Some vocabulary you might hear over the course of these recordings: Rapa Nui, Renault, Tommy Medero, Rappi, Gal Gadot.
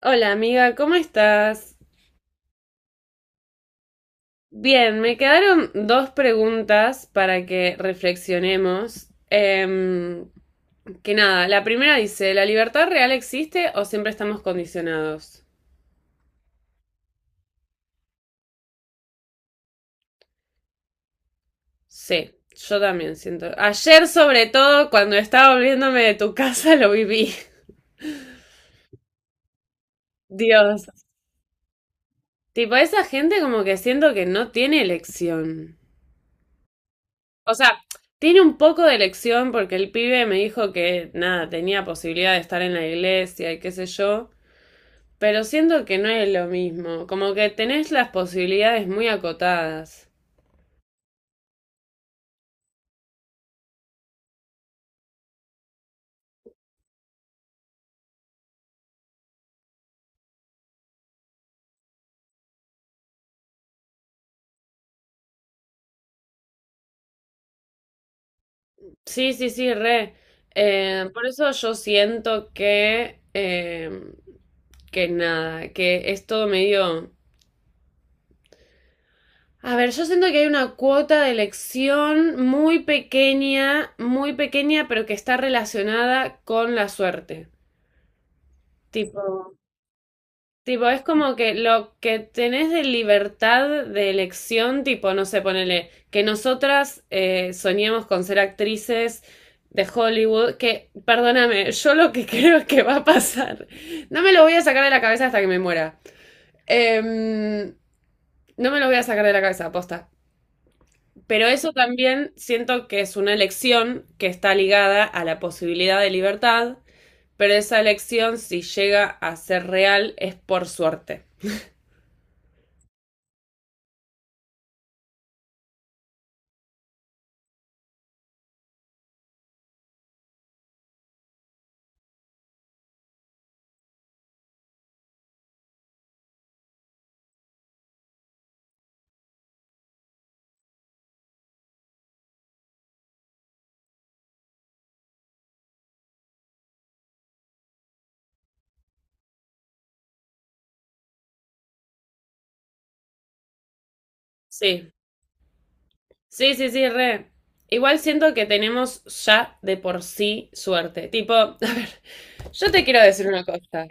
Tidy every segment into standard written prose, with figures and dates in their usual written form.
Hola amiga, ¿cómo estás? Bien, me quedaron dos preguntas para que reflexionemos. Que nada, la primera dice, ¿la libertad real existe o siempre estamos condicionados? Sí, yo también siento. Ayer sobre todo, cuando estaba volviéndome de tu casa, lo viví. Dios. Tipo, esa gente como que siento que no tiene elección. O sea, tiene un poco de elección porque el pibe me dijo que nada, tenía posibilidad de estar en la iglesia y qué sé yo, pero siento que no es lo mismo, como que tenés las posibilidades muy acotadas. Sí, sí, sí, re. Por eso yo siento que nada, que es todo medio. A ver, yo siento que hay una cuota de elección muy pequeña, pero que está relacionada con la suerte. Tipo. Tipo, es como que lo que tenés de libertad de elección, tipo, no sé, ponele, que nosotras soñemos con ser actrices de Hollywood, que, perdóname, yo lo que creo es que va a pasar. No me lo voy a sacar de la cabeza hasta que me muera. Em, no me lo voy a sacar de la cabeza, aposta. Pero eso también siento que es una elección que está ligada a la posibilidad de libertad, pero esa elección, si llega a ser real, es por suerte. Sí. Sí, sí, sí, re. Igual siento que tenemos ya de por sí suerte. Tipo, a ver, yo te quiero decir una cosa.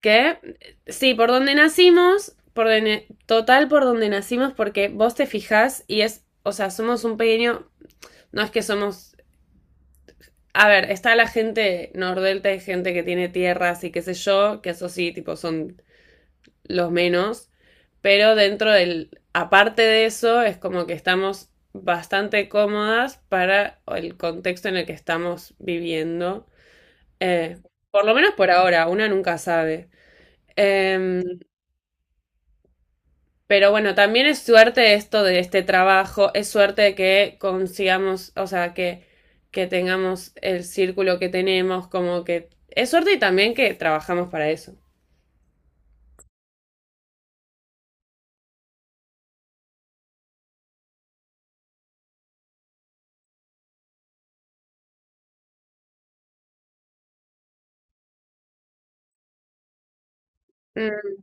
Que sí, por donde nacimos, total por donde nacimos, porque vos te fijás y es, o sea, somos un pequeño, no es que somos, a ver, está la gente nordelta, hay gente que tiene tierras y qué sé yo, que eso sí, tipo, son los menos, pero dentro del, aparte de eso, es como que estamos bastante cómodas para el contexto en el que estamos viviendo. Eh, por lo menos por ahora, una nunca sabe. Eh, pero bueno, también es suerte esto de este trabajo, es suerte de que consigamos, o sea, que tengamos el círculo que tenemos, como que es suerte y también que trabajamos para eso. Mm,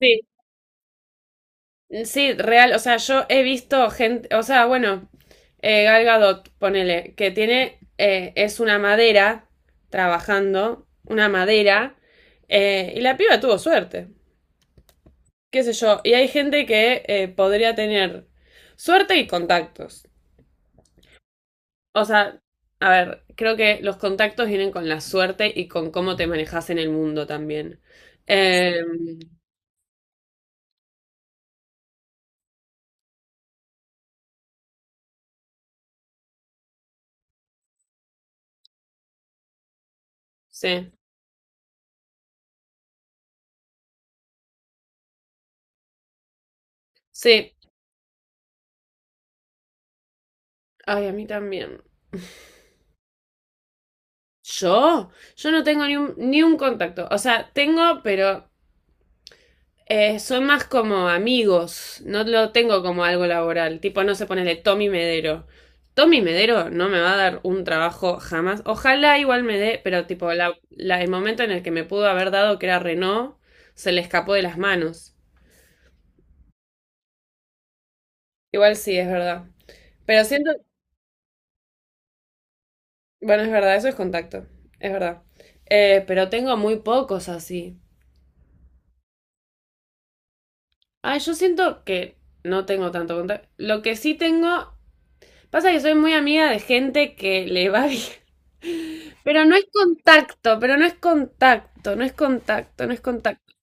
sí, sí, real, o sea, yo he visto gente, o sea, bueno, Gal Gadot, ponele, que tiene, es una madera trabajando, una madera, y la piba tuvo suerte, qué sé yo, y hay gente que podría tener suerte y contactos. O sea, a ver, creo que los contactos vienen con la suerte y con cómo te manejas en el mundo también. Eh, sí, sí, ay, a mí también. Yo, yo no tengo ni un contacto. O sea, tengo, pero son más como amigos. No lo tengo como algo laboral. Tipo, no se pone de Tommy Medero. Tommy Medero no me va a dar un trabajo jamás. Ojalá igual me dé, pero tipo, el momento en el que me pudo haber dado, que era Renault, se le escapó de las manos. Igual sí, es verdad. Pero siento, bueno, es verdad, eso es contacto. Es verdad. Pero tengo muy pocos así. Ah, yo siento que no tengo tanto contacto. Lo que sí tengo, pasa que soy muy amiga de gente que le va bien. Pero no es contacto, pero no es contacto, no es contacto, no es contacto.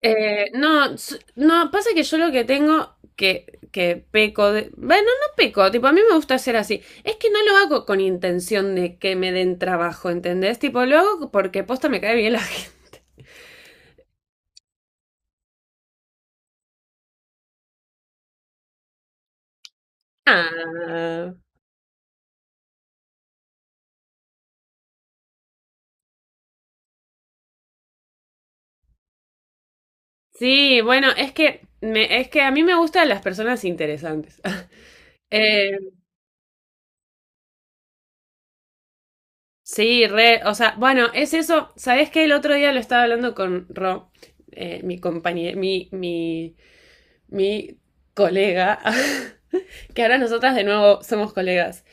No, no, pasa que yo lo que tengo que peco de. Bueno, no peco, tipo, a mí me gusta ser así. Es que no lo hago con intención de que me den trabajo, ¿entendés? Tipo, lo hago porque posta me cae bien la gente. Ah. Sí, bueno, es que me, es que a mí me gustan las personas interesantes. Eh, sí, re, o sea, bueno, es eso. ¿Sabés qué? El otro día lo estaba hablando con Ro, mi compañía, mi colega, que ahora nosotras de nuevo somos colegas.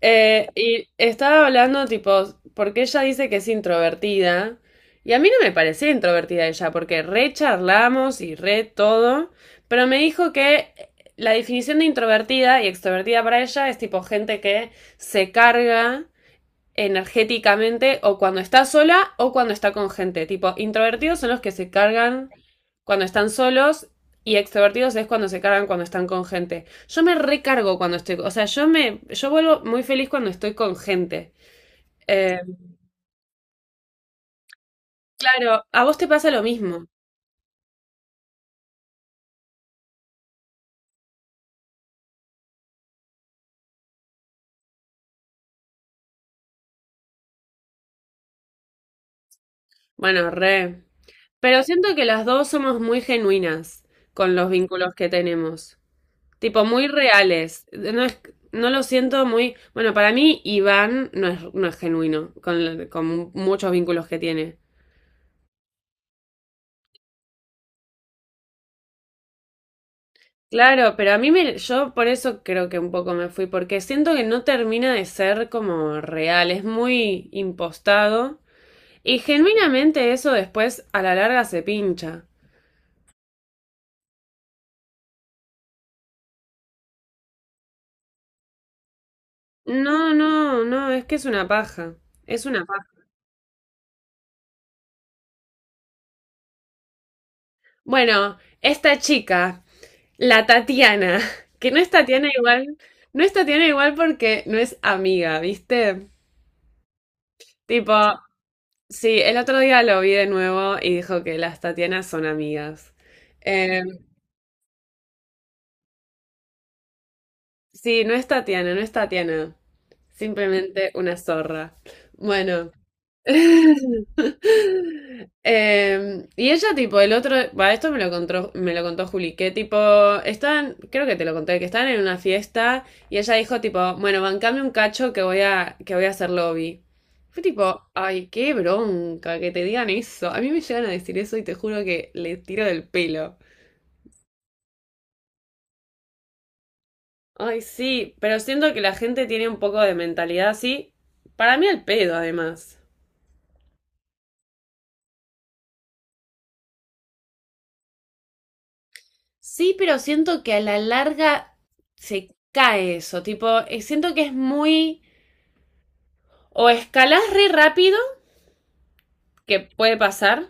Y estaba hablando, tipo, porque ella dice que es introvertida. Y a mí no me parecía introvertida ella, porque re charlamos y re todo. Pero me dijo que la definición de introvertida y extrovertida para ella es tipo gente que se carga energéticamente o cuando está sola o cuando está con gente. Tipo, introvertidos son los que se cargan cuando están solos y extrovertidos es cuando se cargan cuando están con gente. Yo me recargo cuando estoy, o sea, yo me, yo vuelvo muy feliz cuando estoy con gente. Eh, claro, a vos te pasa lo mismo. Bueno, re. Pero siento que las dos somos muy genuinas con los vínculos que tenemos. Tipo, muy reales. No es, no lo siento muy. Bueno, para mí, Iván no es, no es genuino con muchos vínculos que tiene. Claro, pero a mí me, yo por eso creo que un poco me fui, porque siento que no termina de ser como real, es muy impostado y genuinamente eso después a la larga se pincha. No, no, no, es que es una paja, es una paja. Bueno, esta chica, la Tatiana, que no es Tatiana igual, no es Tatiana igual porque no es amiga, ¿viste? Tipo, sí, el otro día lo vi de nuevo y dijo que las Tatianas son amigas. Em, Sí, no es Tatiana, no es Tatiana. Simplemente una zorra. Bueno. Y ella, tipo, el otro. Va, esto me lo contó Juli, que tipo, estaban, creo que te lo conté, que estaban en una fiesta y ella dijo, tipo, bueno, bancame un cacho que voy a hacer lobby. Fue tipo, ay, qué bronca que te digan eso. A mí me llegan a decir eso y te juro que le tiro del pelo. Ay, sí, pero siento que la gente tiene un poco de mentalidad así. Para mí al pedo, además. Sí, pero siento que a la larga se cae eso, tipo, siento que es muy. O escalás re rápido, que puede pasar,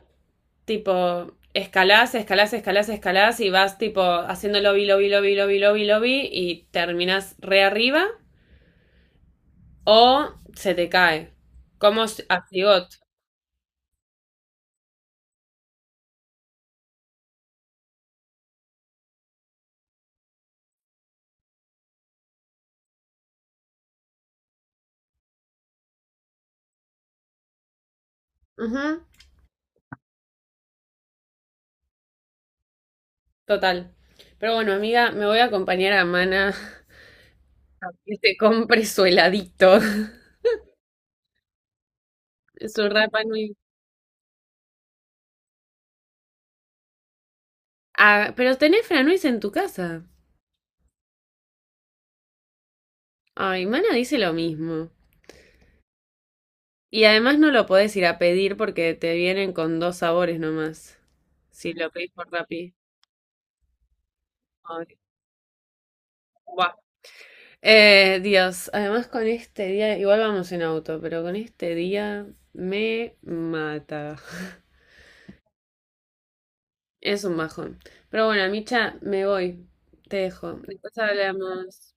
tipo, escalás, escalás, escalás, escalás y vas tipo haciendo lobby, lobby, lobby, lobby, lobby, lobby y terminás re arriba o se te cae, como a Sigot. Total. Pero bueno, amiga, me voy a acompañar a Mana a que se compre su heladito, su Rapa Nui. Ah, pero tenés Franuis en tu casa. Ay, Mana dice lo mismo. Y además no lo podés ir a pedir porque te vienen con dos sabores nomás. Si lo pedís por Rappi. Ay, buah. Dios, además con este día, igual vamos en auto, pero con este día me mata. Es un bajón. Pero bueno, Micha, me voy. Te dejo. Después hablamos.